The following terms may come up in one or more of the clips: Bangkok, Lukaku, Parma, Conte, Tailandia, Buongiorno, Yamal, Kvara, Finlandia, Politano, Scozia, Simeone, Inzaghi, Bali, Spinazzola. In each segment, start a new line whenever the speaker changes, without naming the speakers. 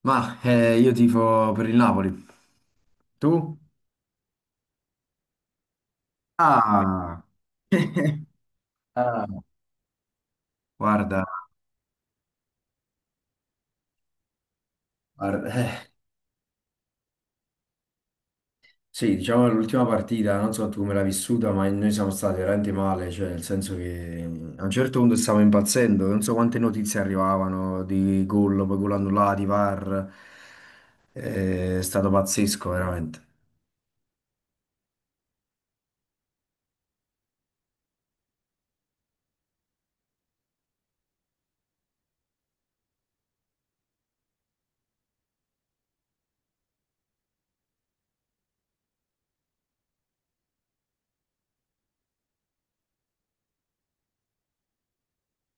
Ma io tifo per il Napoli. Tu? Ah. Ah, guarda, guarda, sì, diciamo l'ultima partita, non so tu come l'hai vissuta, ma noi siamo stati veramente male, cioè nel senso che a un certo punto stavamo impazzendo, non so quante notizie arrivavano di gol, poi gol annullati, VAR, è stato pazzesco veramente.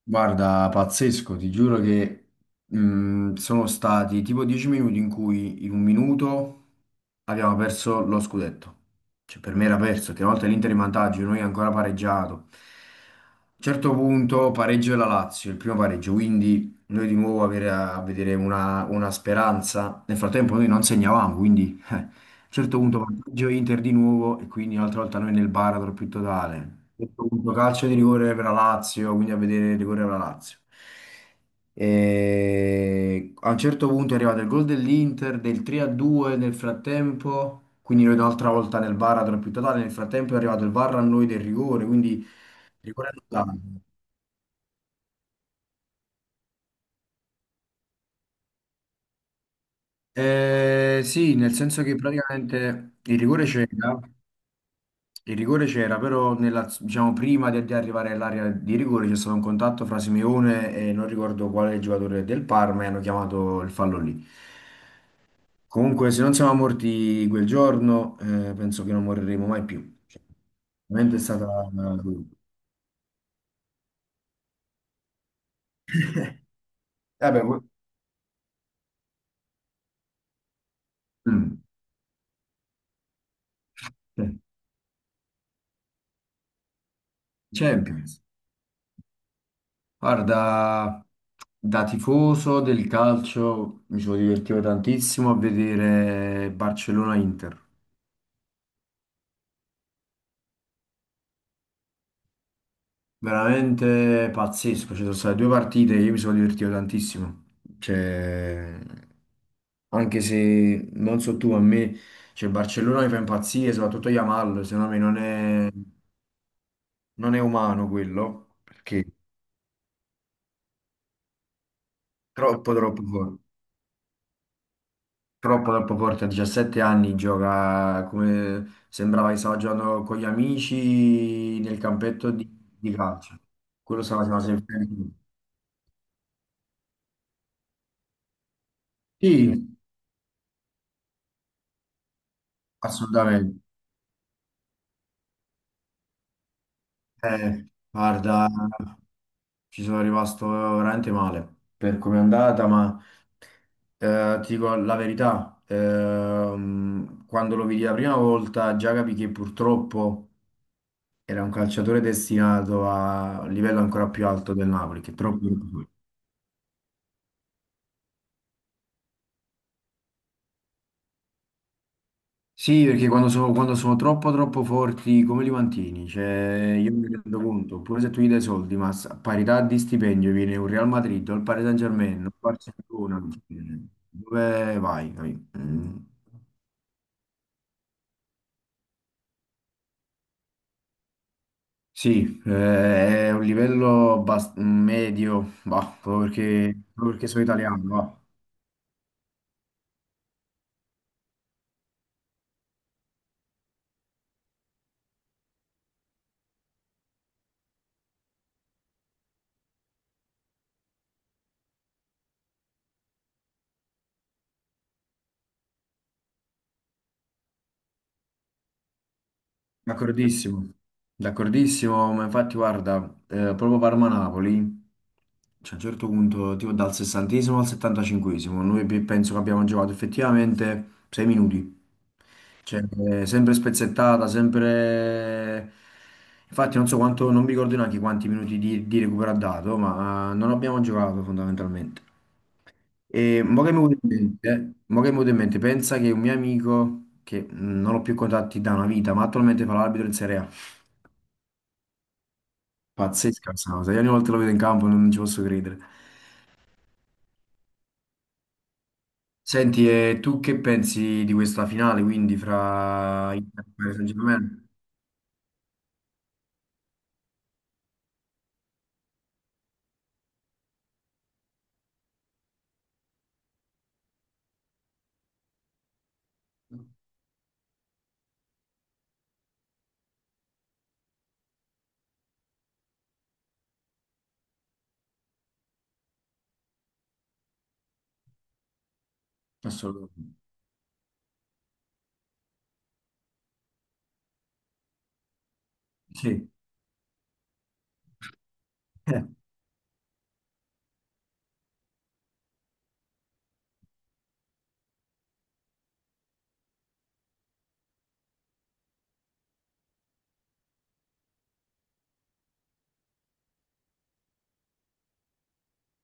Guarda, pazzesco, ti giuro che sono stati tipo 10 minuti in cui in un minuto abbiamo perso lo scudetto. Cioè, per me era perso, che una volta l'Inter in vantaggio, noi ancora pareggiato. A un certo punto pareggio della Lazio, il primo pareggio, quindi noi di nuovo a vedere una speranza. Nel frattempo noi non segnavamo, quindi. A un certo punto vantaggio Inter di nuovo e quindi un'altra volta noi nel baratro più totale. A un certo punto calcio di rigore per la Lazio, quindi a vedere il rigore per la Lazio. E a un certo punto è arrivato il gol dell'Inter del 3-2 nel frattempo, quindi noi un'altra volta nel baratro più totale, nel frattempo è arrivato il VAR a noi del rigore, quindi rigore annullato. Sì, nel senso che praticamente il rigore c'era. Il rigore c'era, però diciamo, prima di arrivare all'area di rigore c'è stato un contatto fra Simeone e non ricordo quale giocatore del Parma e hanno chiamato il fallo lì. Comunque, se non siamo morti quel giorno, penso che non moriremo mai più. Cioè, veramente è stata una. Vabbè, mm. Eh, Champions. Guarda, da tifoso del calcio mi sono divertito tantissimo a vedere Barcellona-Inter. Veramente pazzesco, ci sono state due partite, io mi sono divertito tantissimo. Cioè, anche se non so tu, a me, cioè Barcellona mi fa impazzire, soprattutto Yamal, secondo me non è umano quello, perché troppo troppo forte, troppo troppo forte, a 17 anni gioca come sembrava che stava giocando con gli amici nel campetto di calcio. Quello stava facendo sempre. Sì, assolutamente. Guarda. Ci sono rimasto veramente male per come è andata, ma ti dico la verità, quando lo vidi la prima volta già capì che purtroppo era un calciatore destinato a un livello ancora più alto del Napoli, che è troppo troppo forte. Sì, perché quando sono troppo troppo forti, come li mantieni? Cioè, io mi rendo conto, pure se tu gli dai soldi, ma a parità di stipendio viene un Real Madrid, o il Paris Saint-Germain, o il Barcellona, cioè, dove vai? Capì? Mm. Sì, è un livello medio, va, proprio perché sono italiano, va. D'accordissimo, d'accordissimo, ma infatti guarda, proprio Parma-Napoli, cioè, a un certo punto, tipo dal 60° al 75°, noi penso che abbiamo giocato effettivamente 6 minuti, cioè, sempre spezzettata, sempre. Infatti non so quanto, non mi ricordo neanche quanti minuti di recupero ha dato, ma non abbiamo giocato fondamentalmente. E mo che mi è venuto in mente, mo che mi è venuto in mente, pensa che un mio amico, che non ho più contatti da una vita, ma attualmente fa l'arbitro in Serie A. Pazzesca questa cosa, io ogni volta lo vedo in campo non ci posso credere. Senti, e tu che pensi di questa finale, quindi, fra Inter e Paris Saint-Germain? Assolutamente. Sì. Eh,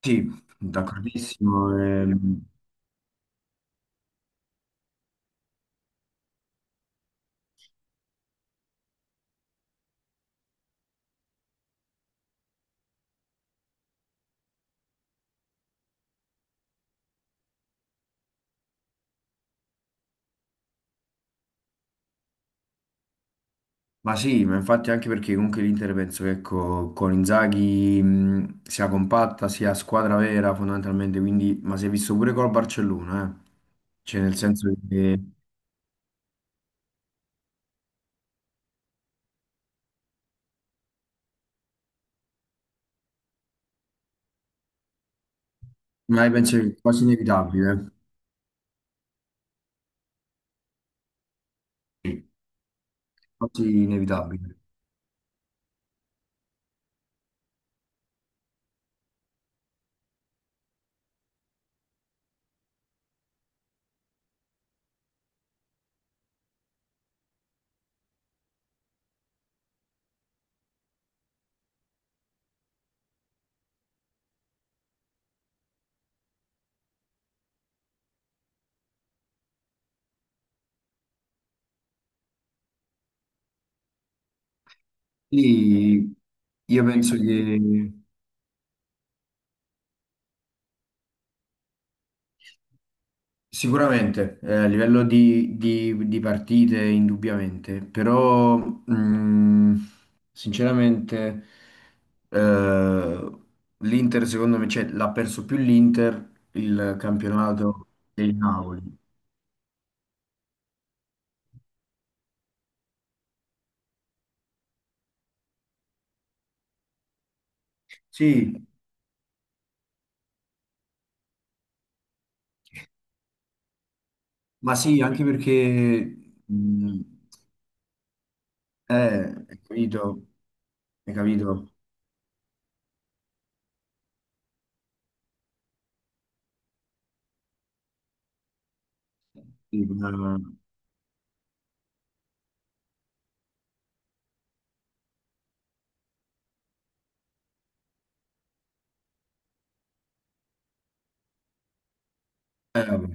sì, d'accordissimo. Ma sì, ma infatti anche perché comunque l'Inter penso che ecco, con Inzaghi sia compatta, sia squadra vera fondamentalmente, quindi, ma si è visto pure col Barcellona, eh. Cioè nel senso che, ma io penso che è quasi inevitabile, quasi inevitabile. Quindi io penso che sicuramente, a livello di partite, indubbiamente, però sinceramente eh, l'Inter, secondo me, cioè, l'ha perso più l'Inter il campionato del Napoli. Sì, ma sì, anche perché, eh, hai capito, hai capito? Sì, vabbè.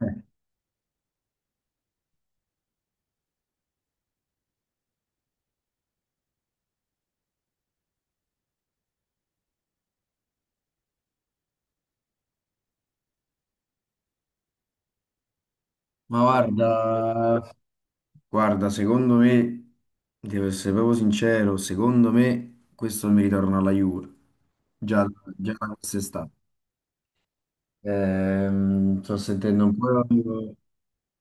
Eh, ma guarda. Guarda, secondo me, devo essere proprio sincero, secondo me questo mi ritorna alla Juve, già, già da quest'estate. Sto sentendo un po'.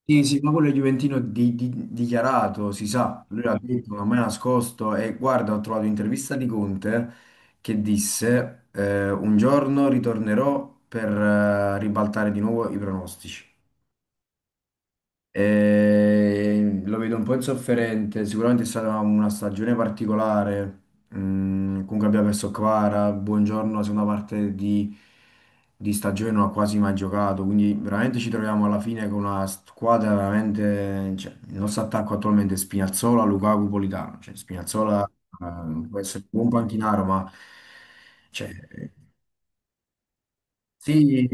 Sì, sì, ma quello è Juventino dichiarato, si sa, lui l'ha detto, non mi ha nascosto e guarda, ho trovato un'intervista di Conte che disse un giorno ritornerò per ribaltare di nuovo i pronostici. E lo vedo un po' insofferente. Sicuramente è stata una stagione particolare. Mm, comunque abbiamo perso Kvara. Buongiorno, la seconda parte di stagione non ha quasi mai giocato. Quindi veramente ci troviamo alla fine con una squadra veramente. Cioè, il nostro attacco attualmente è Spinazzola, Lukaku, Politano. Cioè, Spinazzola, può essere un buon panchinaro, ma cioè, sì,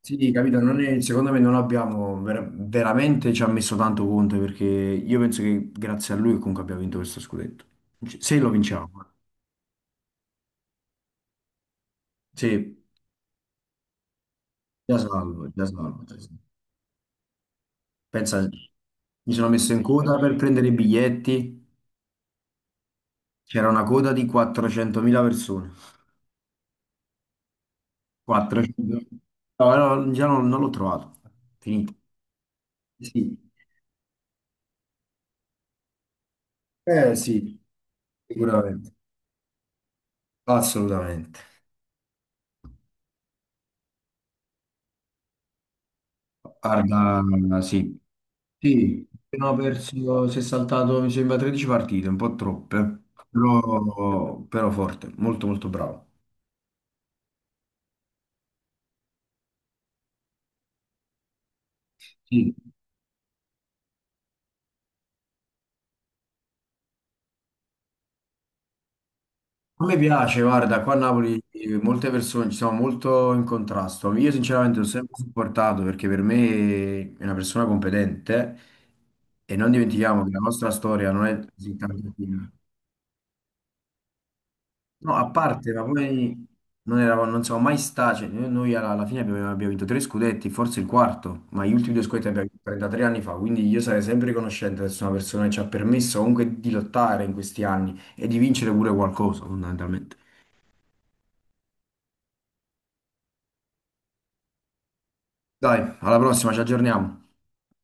sì, capito, non è- secondo me non abbiamo veramente ci ha messo tanto Conte perché io penso che grazie a lui comunque abbia vinto questo scudetto. Se lo vinciamo, eh. Sì, già salvo, già salvo. Già salvo. Pensa, mi sono messo in coda per prendere i biglietti, c'era una coda di 400.000 persone. 400. No, no, già non l'ho trovato, finito. Sì, eh sì, sicuramente, assolutamente. Guarda, sì. Sì, abbiamo perso, si è saltato, mi sembra, 13 partite, un po' troppe, però forte, molto molto bravo. Sì. A me piace, guarda, qua a Napoli, molte persone ci sono molto in contrasto. Io sinceramente l'ho sempre supportato perché per me è una persona competente e non dimentichiamo che la nostra storia non è così tanto. No, a parte, ma poi non eravamo, non siamo mai stati, cioè, noi alla fine abbiamo vinto tre scudetti, forse il quarto, ma gli ultimi due scudetti li abbiamo vinto 33 anni fa, quindi io sarei sempre riconoscente di essere una persona che ci ha permesso comunque di lottare in questi anni e di vincere pure qualcosa, fondamentalmente. Dai, alla prossima, ci aggiorniamo.